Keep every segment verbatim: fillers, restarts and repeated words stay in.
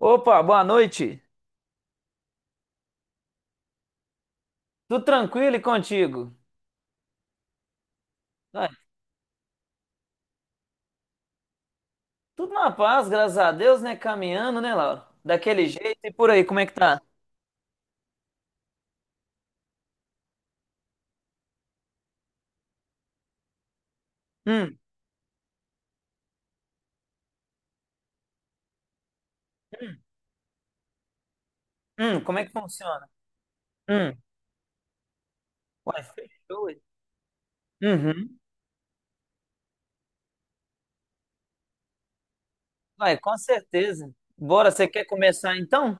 Opa, boa noite. Tudo tranquilo e contigo? Ah, tudo na paz, graças a Deus, né? Caminhando, né, Laura? Daquele jeito e por aí, como é que tá? Hum, hum, hum, Como é que funciona? Hum, Uai, fechou. Ué. Uhum. Uai, com certeza. Bora, você quer começar então?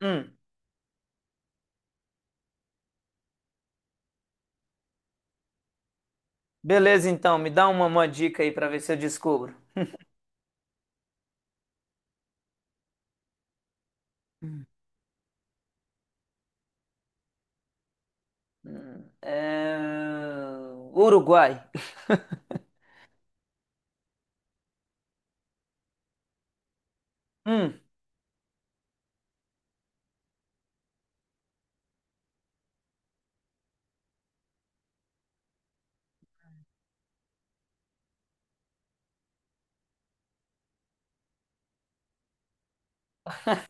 Hum, Beleza, então, me dá uma, uma dica aí pra ver se eu descubro. Hum, hum, É, Uruguai. Hum.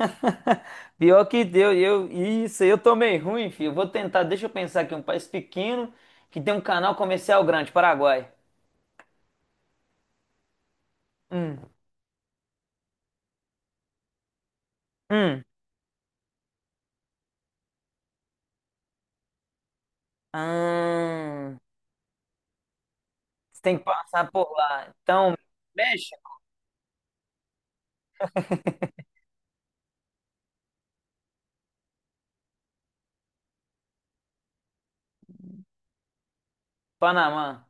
Pior que deu, eu, isso, aí eu tô meio ruim, filho. Eu vou tentar, deixa eu pensar aqui, um país pequeno que tem um canal comercial grande, Paraguai. Hum, hum. Ah, você tem que passar por lá. Então, México, Panamá.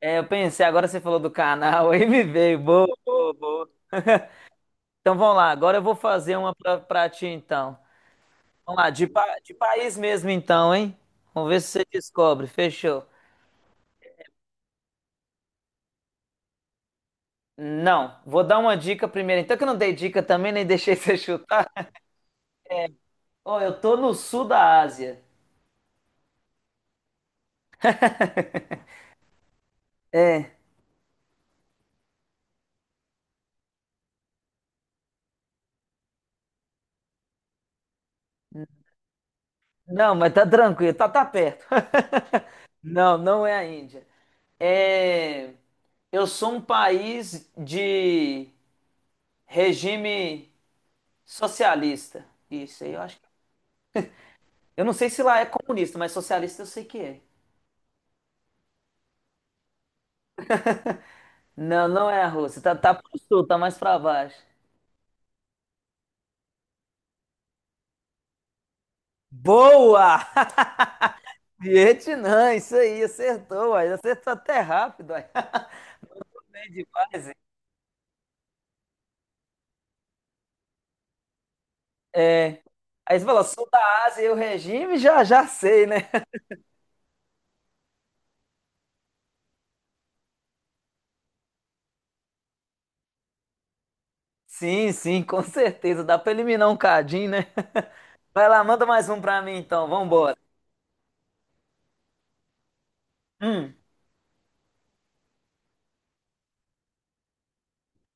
É, eu pensei, agora você falou do canal, aí me veio. Boa, boa, boa. Então vamos lá, agora eu vou fazer uma pra, pra ti então. Vamos lá, de, pa- de país mesmo então, hein? Vamos ver se você descobre. Fechou. Não, vou dar uma dica primeiro. Então, que eu não dei dica também, nem deixei você chutar. Ó, eu tô no sul da Ásia. É, não, mas tá tranquilo, tá, tá perto. Não, não é a Índia. É, eu sou um país de regime socialista. Isso aí, eu acho. que- Eu não sei se lá é comunista, mas socialista eu sei que é. Não, não é a Rússia. Tá, tá pro sul, tá mais pra baixo. Boa! Vietnã, isso aí, acertou, aí acertou até rápido, aí. Bem demais, hein? É. Aí você falou, sul da Ásia e o regime, já já sei, né? Sim, sim, com certeza, dá pra eliminar um cadinho, né? Vai lá, manda mais um pra mim então, vambora. Hum,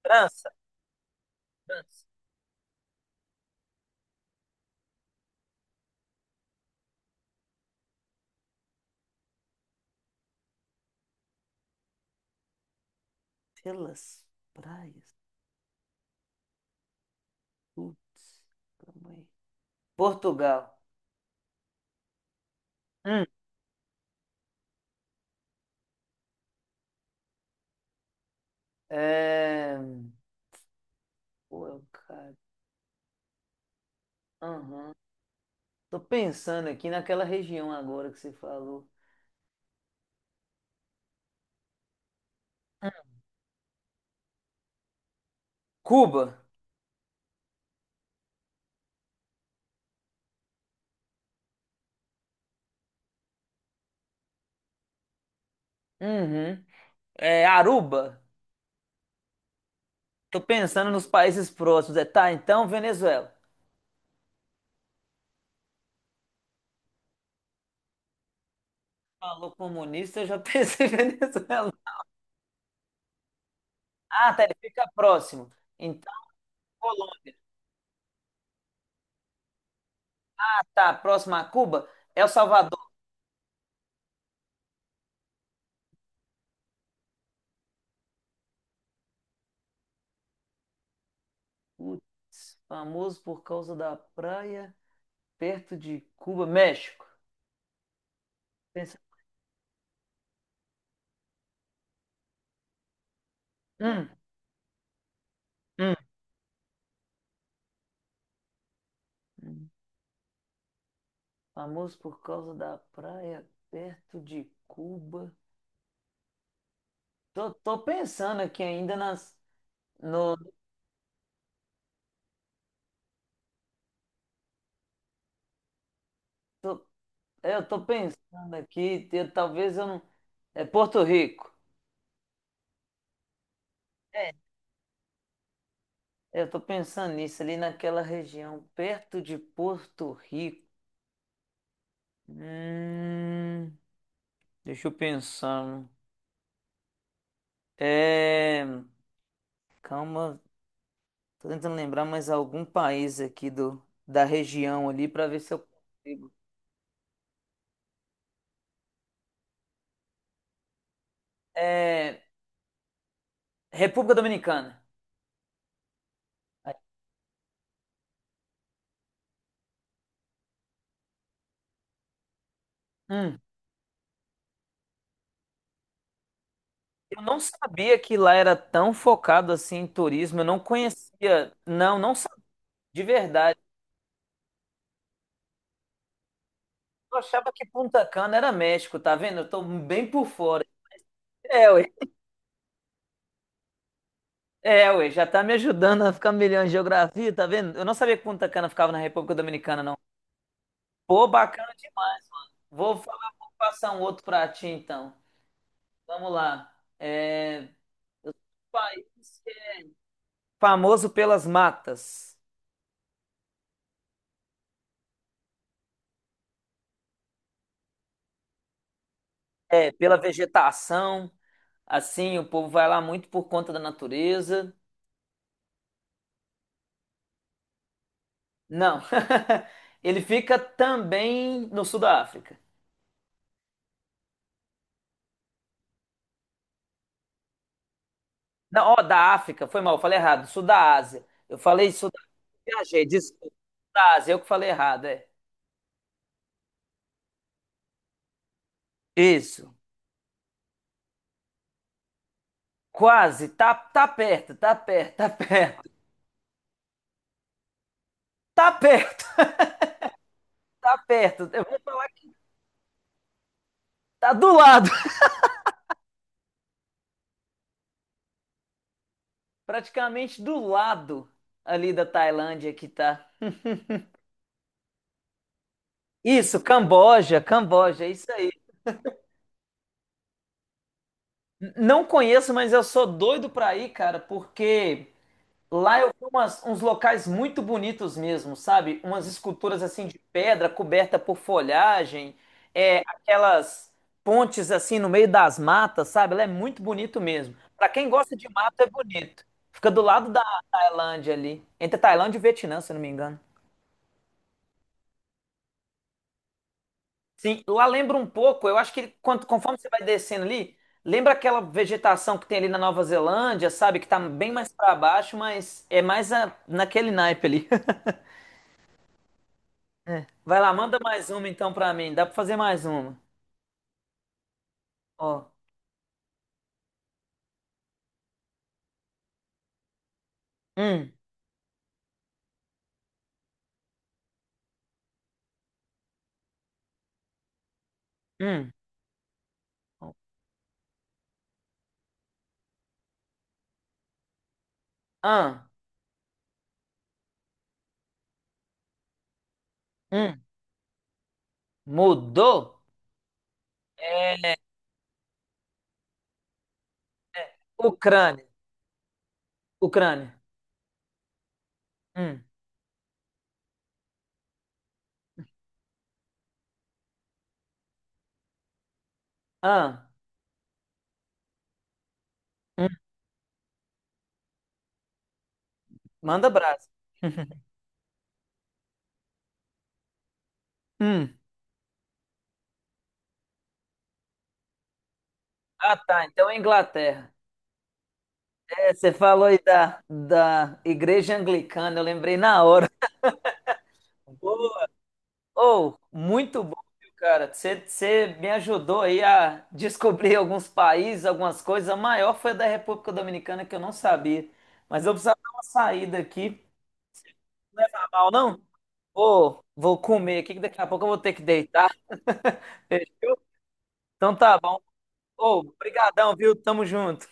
França, França. Pelas praias, putz, também. Portugal. Hum, é... Pô, eu, cara, aham. Tô pensando aqui naquela região agora que você falou. Hum. Cuba. Uhum. É, Aruba. Tô pensando nos países próximos. É, tá, então Venezuela. Falou comunista, eu já pensei em Venezuela. Ah, tá, ele fica próximo. Então Colômbia. Ah, tá, próximo a Cuba, El Salvador. Putz, famoso por causa da praia, perto de Cuba, México. Pensa. Hum, hum. hum. Famoso por causa da praia, perto de Cuba. Tô, tô pensando aqui ainda nas, no, tô, É, eu tô pensando aqui, eu- talvez eu não. É Porto Rico. É. Eu tô pensando nisso, ali naquela região, perto de Porto Rico. Hum, Deixa eu pensar. É, calma, tô tentando lembrar mais algum país aqui do, da região ali para ver se eu consigo. É, República Dominicana. Hum, eu não sabia que lá era tão focado assim em turismo. Eu não conhecia. Não, não sabia. De verdade. Eu achava que Punta Cana era México, tá vendo? Eu tô bem por fora. É, ué. É, ué, já tá me ajudando a ficar melhor em geografia, tá vendo? Eu não sabia que Punta Cana ficava na República Dominicana, não. Pô, bacana demais, mano. Vou falar, vou passar um outro pra ti, então. Vamos lá. É, país que é famoso pelas matas. É, pela vegetação, assim, o povo vai lá muito por conta da natureza. Não. Ele fica também no sul da África. Não, ó, da África, foi mal, eu falei errado, sul da Ásia. Eu falei sul da viajei, desculpa, sul da Ásia, eu que falei errado, é. Isso, quase, tá, tá perto, tá perto, tá perto, tá perto, tá perto. Eu vou falar que tá do lado, praticamente do lado ali da Tailândia que tá. Isso, Camboja, Camboja, é isso aí. N- Não conheço, mas eu sou doido pra ir, cara, porque lá eu vi umas- uns locais muito bonitos mesmo, sabe? Umas esculturas assim de pedra coberta por folhagem, é, aquelas pontes assim no meio das matas, sabe? Lá é muito bonito mesmo. Pra quem gosta de mata, é bonito. Fica do lado da Tailândia ali, entre Tailândia e Vietnã, se eu não me engano. Sim, lá lembra um pouco, eu acho que quando conforme você vai descendo ali, lembra aquela vegetação que tem ali na Nova Zelândia, sabe? Que tá bem mais pra baixo, mas é mais a- naquele naipe ali. É. Vai lá, manda mais uma então pra mim. Dá pra fazer mais uma. Ó. Hum, hum, ah, hum. Mudou? É. Ucrânia. Ucrânia. Hum, ah, hum. Manda brasa. Hum. Ah, tá. Então é Inglaterra. É, você falou aí da, da Igreja Anglicana. Eu lembrei na hora. Oh, muito bom, viu, cara. Você você me ajudou aí a descobrir alguns países, algumas coisas. A maior foi a da República Dominicana que eu não sabia. Mas eu precisava dar uma saída aqui. Não leva mal, não? Ô, vou comer aqui que daqui a pouco eu vou ter que deitar. Então tá bom. Ô, brigadão, viu? Tamo junto.